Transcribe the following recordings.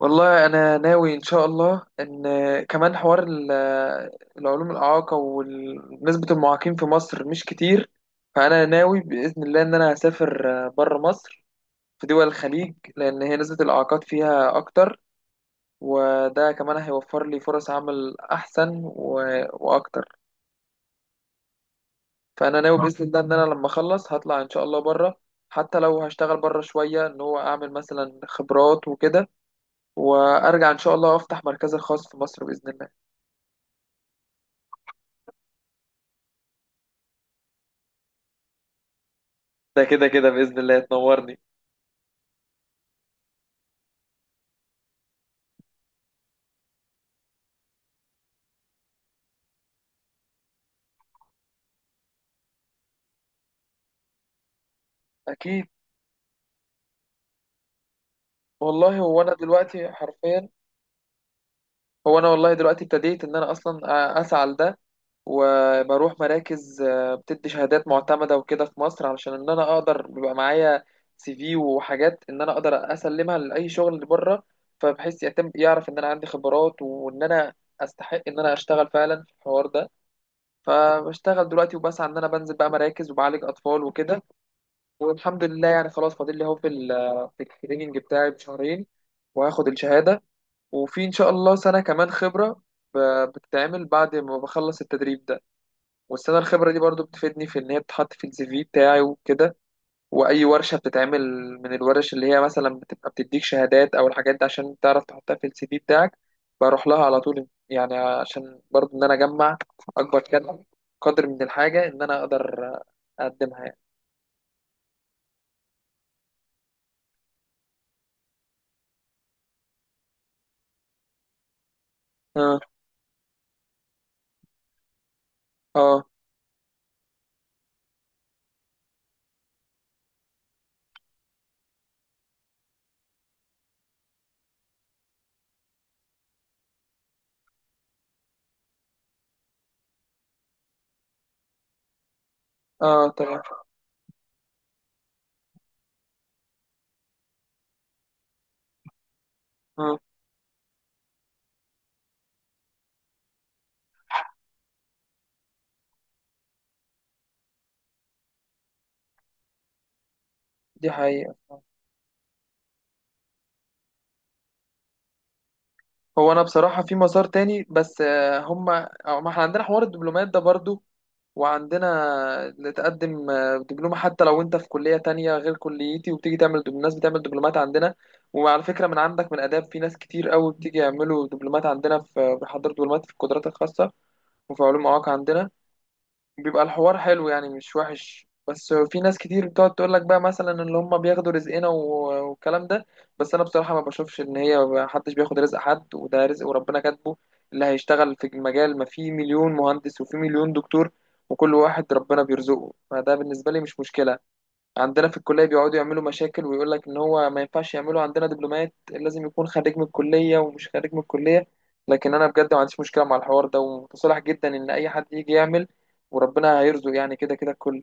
والله انا ناوي ان شاء الله ان كمان حوار العلوم الاعاقه ونسبه المعاقين في مصر مش كتير. فانا ناوي باذن الله ان انا هسافر بره مصر في دول الخليج لان هي نسبه الاعاقات فيها اكتر. وده كمان هيوفر لي فرص عمل احسن و- واكتر. فانا ناوي باذن الله ان انا لما اخلص هطلع ان شاء الله بره حتى لو هشتغل بره شويه ان هو اعمل مثلا خبرات وكده. وارجع ان شاء الله افتح مركزي الخاص في مصر باذن الله. ده كده كده بإذن الله تنورني. أكيد. والله هو أنا دلوقتي حرفيا. هو أنا والله دلوقتي ابتديت إن أنا أصلا أسعى لده. وبروح مراكز بتدي شهادات معتمدة وكده في مصر علشان إن أنا أقدر بيبقى معايا سي في وحاجات إن أنا أقدر أسلمها لأي شغل اللي بره. فبحيث يتم يعرف إن أنا عندي خبرات وإن أنا أستحق إن أنا أشتغل فعلا في الحوار ده. فبشتغل دلوقتي وبسعى إن أنا بنزل بقى مراكز وبعالج أطفال وكده. والحمد لله يعني خلاص فاضل لي اهو في ال في التريننج بتاعي بشهرين. وهاخد الشهادة. وفي إن شاء الله سنة كمان خبرة ب- بتتعمل بعد ما بخلص التدريب ده. والسنة الخبرة دي برضو بتفيدني في إن هي بتتحط في السي في بتاعي وكده. وأي ورشة بتتعمل من الورش اللي هي مثلا بتبقى بتديك شهادات أو الحاجات دي عشان تعرف تحطها في السي في بتاعك. بروح لها على طول يعني عشان برضو إن أنا أجمع أكبر قدر من الحاجة إن أنا أقدر أقدمها يعني. آه. آه. آه طبعا. اه. دي حقيقة. هو أنا بصراحة في مسار تاني بس هما أو ما احنا عندنا حوار الدبلومات ده برضو. وعندنا اللي تقدم دبلومة حتى لو أنت في كلية تانية غير كليتي وبتيجي تعمل الناس بتعمل دبلومات عندنا. وعلى فكرة من عندك من آداب في ناس كتير قوي بتيجي يعملوا دبلومات عندنا في بيحضروا دبلومات في القدرات الخاصة. وفي علوم مواقع عندنا. بيبقى الحوار حلو يعني مش وحش بس في ناس كتير بتقعد تقول لك بقى مثلا ان هم بياخدوا رزقنا و- والكلام ده. بس انا بصراحة ما بشوفش ان هي ما حدش بياخد رزق حد وده رزق وربنا كاتبه. اللي هيشتغل في المجال ما في مليون مهندس وفي مليون دكتور وكل واحد ربنا بيرزقه فده بالنسبة لي مش مشكلة. عندنا في الكلية بيقعدوا يعملوا مشاكل ويقول لك إن هو ما ينفعش يعملوا عندنا دبلومات لازم يكون خريج من الكلية ومش خريج من الكلية. لكن أنا بجد ما عنديش مشكلة مع الحوار ده ومتصالح جدا إن أي حد يجي يعمل. وربنا هيرزق يعني كده كده الكل.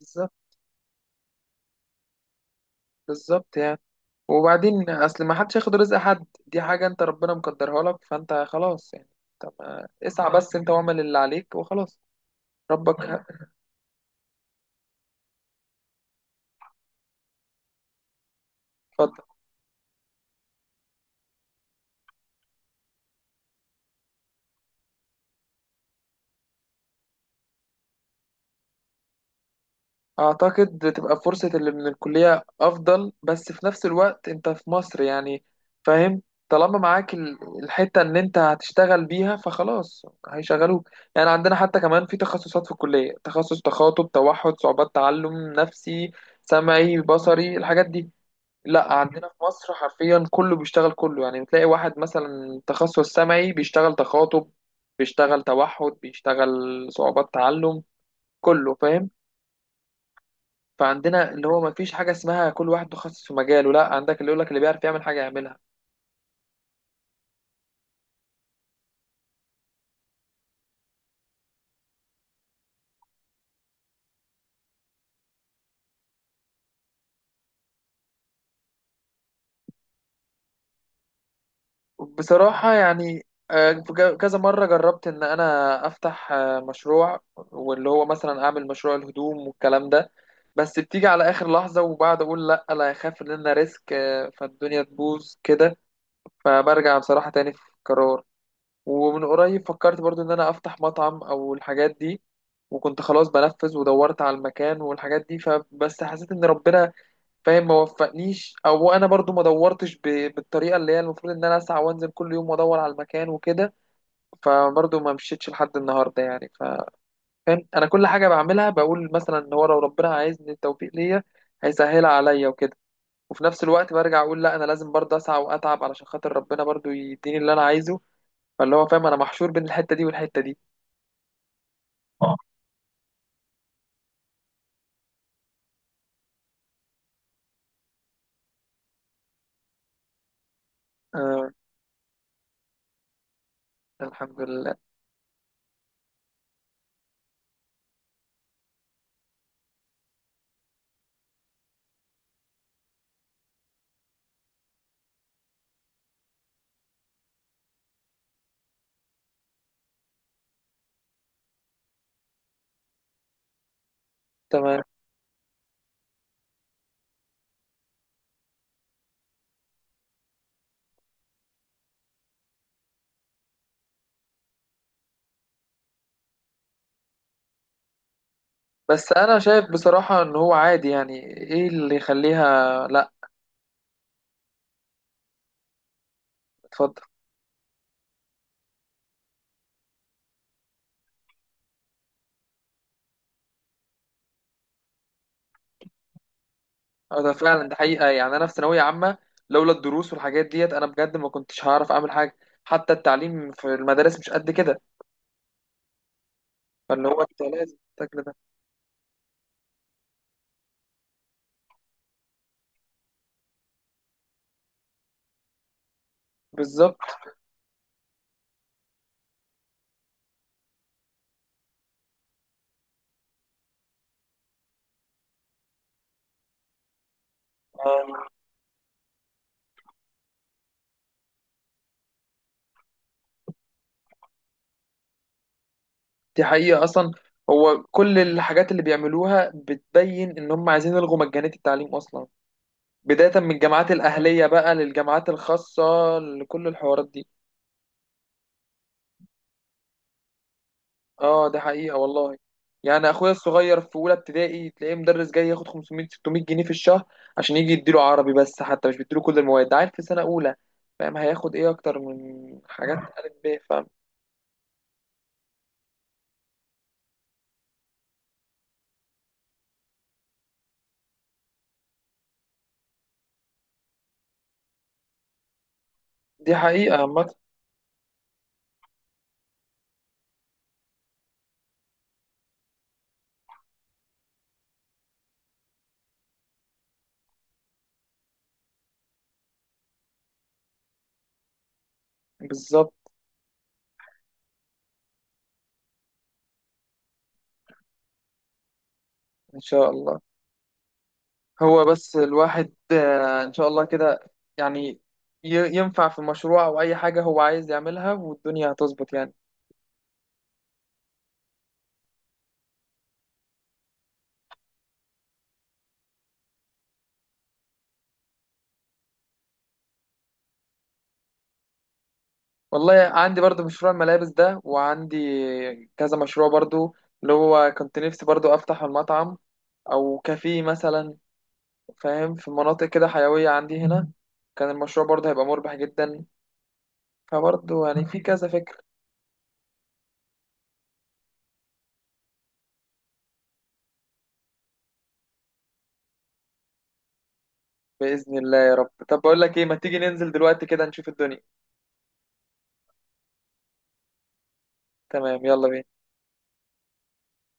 بالظبط. بالظبط يعني. وبعدين أصل ما حدش ياخد رزق حد دي حاجة أنت ربنا مقدرها لك فأنت خلاص يعني. طب. اسعى بس أنت واعمل اللي عليك وخلاص. ربك. اتفضل. أعتقد تبقى فرصة اللي من الكلية أفضل بس في نفس الوقت أنت في مصر يعني. فاهم. طالما معاك الحتة إن أنت هتشتغل بيها فخلاص هيشغلوك. يعني عندنا حتى كمان في تخصصات في الكلية تخصص تخاطب توحد صعوبات تعلم نفسي سمعي بصري الحاجات دي. لا عندنا في مصر حرفيا كله بيشتغل كله يعني بتلاقي واحد مثلا تخصص سمعي بيشتغل تخاطب بيشتغل توحد بيشتغل صعوبات تعلم كله فاهم. فعندنا اللي هو ما فيش حاجة اسمها كل واحد متخصص في مجاله لا عندك اللي يقولك اللي بيعرف يعمل حاجة يعملها. بصراحة يعني في كذا مرة جربت إن أنا أفتح مشروع واللي هو مثلا أعمل مشروع الهدوم والكلام ده. بس بتيجي على آخر لحظة وبعد أقول لأ لا أخاف إن أنا ريسك فالدنيا تبوظ كده. فبرجع بصراحة تاني في قرار. ومن قريب فكرت برضو إن أنا أفتح مطعم أو الحاجات دي. وكنت خلاص بنفذ ودورت على المكان والحاجات دي فبس حسيت إن ربنا فاهم ما وفقنيش او انا برضو ما دورتش بالطريقه اللي هي المفروض ان انا اسعى وانزل كل يوم وادور على المكان وكده. فبرضو ما مشيتش لحد النهارده يعني فاهم انا كل حاجه بعملها بقول مثلا ان هو لو ربنا عايزني التوفيق ليا هيسهلها عليا وكده. وفي نفس الوقت برجع اقول لا انا لازم برضو اسعى واتعب علشان خاطر ربنا برضو يديني اللي انا عايزه. فاللي هو فاهم انا محشور بين الحته دي والحته دي. اه. آه. الحمد لله. تمام. بس انا شايف بصراحه ان هو عادي يعني ايه اللي يخليها لا. اتفضل. اه ده فعلا ده حقيقة يعني أنا في ثانوية عامة. لولا الدروس والحاجات ديت أنا بجد ما كنتش هعرف أعمل حاجة. حتى التعليم في المدارس مش قد كده. فاللي هو أنت لازم تاكل ده. بالظبط. آه، دي حقيقة أصلا. هو كل الحاجات اللي بيعملوها بتبين إن هم عايزين يلغوا مجانية التعليم أصلا. بداية من الجامعات الأهلية بقى للجامعات الخاصة لكل الحوارات دي. اه ده حقيقة والله. يعني اخويا الصغير في اولى ابتدائي تلاقيه مدرس جاي ياخد 500 600 جنيه في الشهر عشان يجي يديله عربي بس حتى مش بيديله كل المواد ده عارف في سنة اولى. فاهم هياخد ايه اكتر من حاجات الف ب فاهم. دي حقيقة عامة. بالظبط. ان شاء الله. هو بس الواحد ان شاء الله كده يعني ينفع في مشروع او اي حاجة هو عايز يعملها والدنيا هتظبط يعني. والله عندي برضو مشروع الملابس ده وعندي كذا مشروع برضو اللي هو كنت نفسي برضو افتح المطعم او كافيه مثلا. فاهم في مناطق كده حيوية عندي هنا كان المشروع برضو هيبقى مربح جدا. فبرضو يعني في كذا فكر. بإذن الله يا رب طب بقول لك ايه ما تيجي ننزل دلوقتي كده نشوف الدنيا. تمام يلا بينا.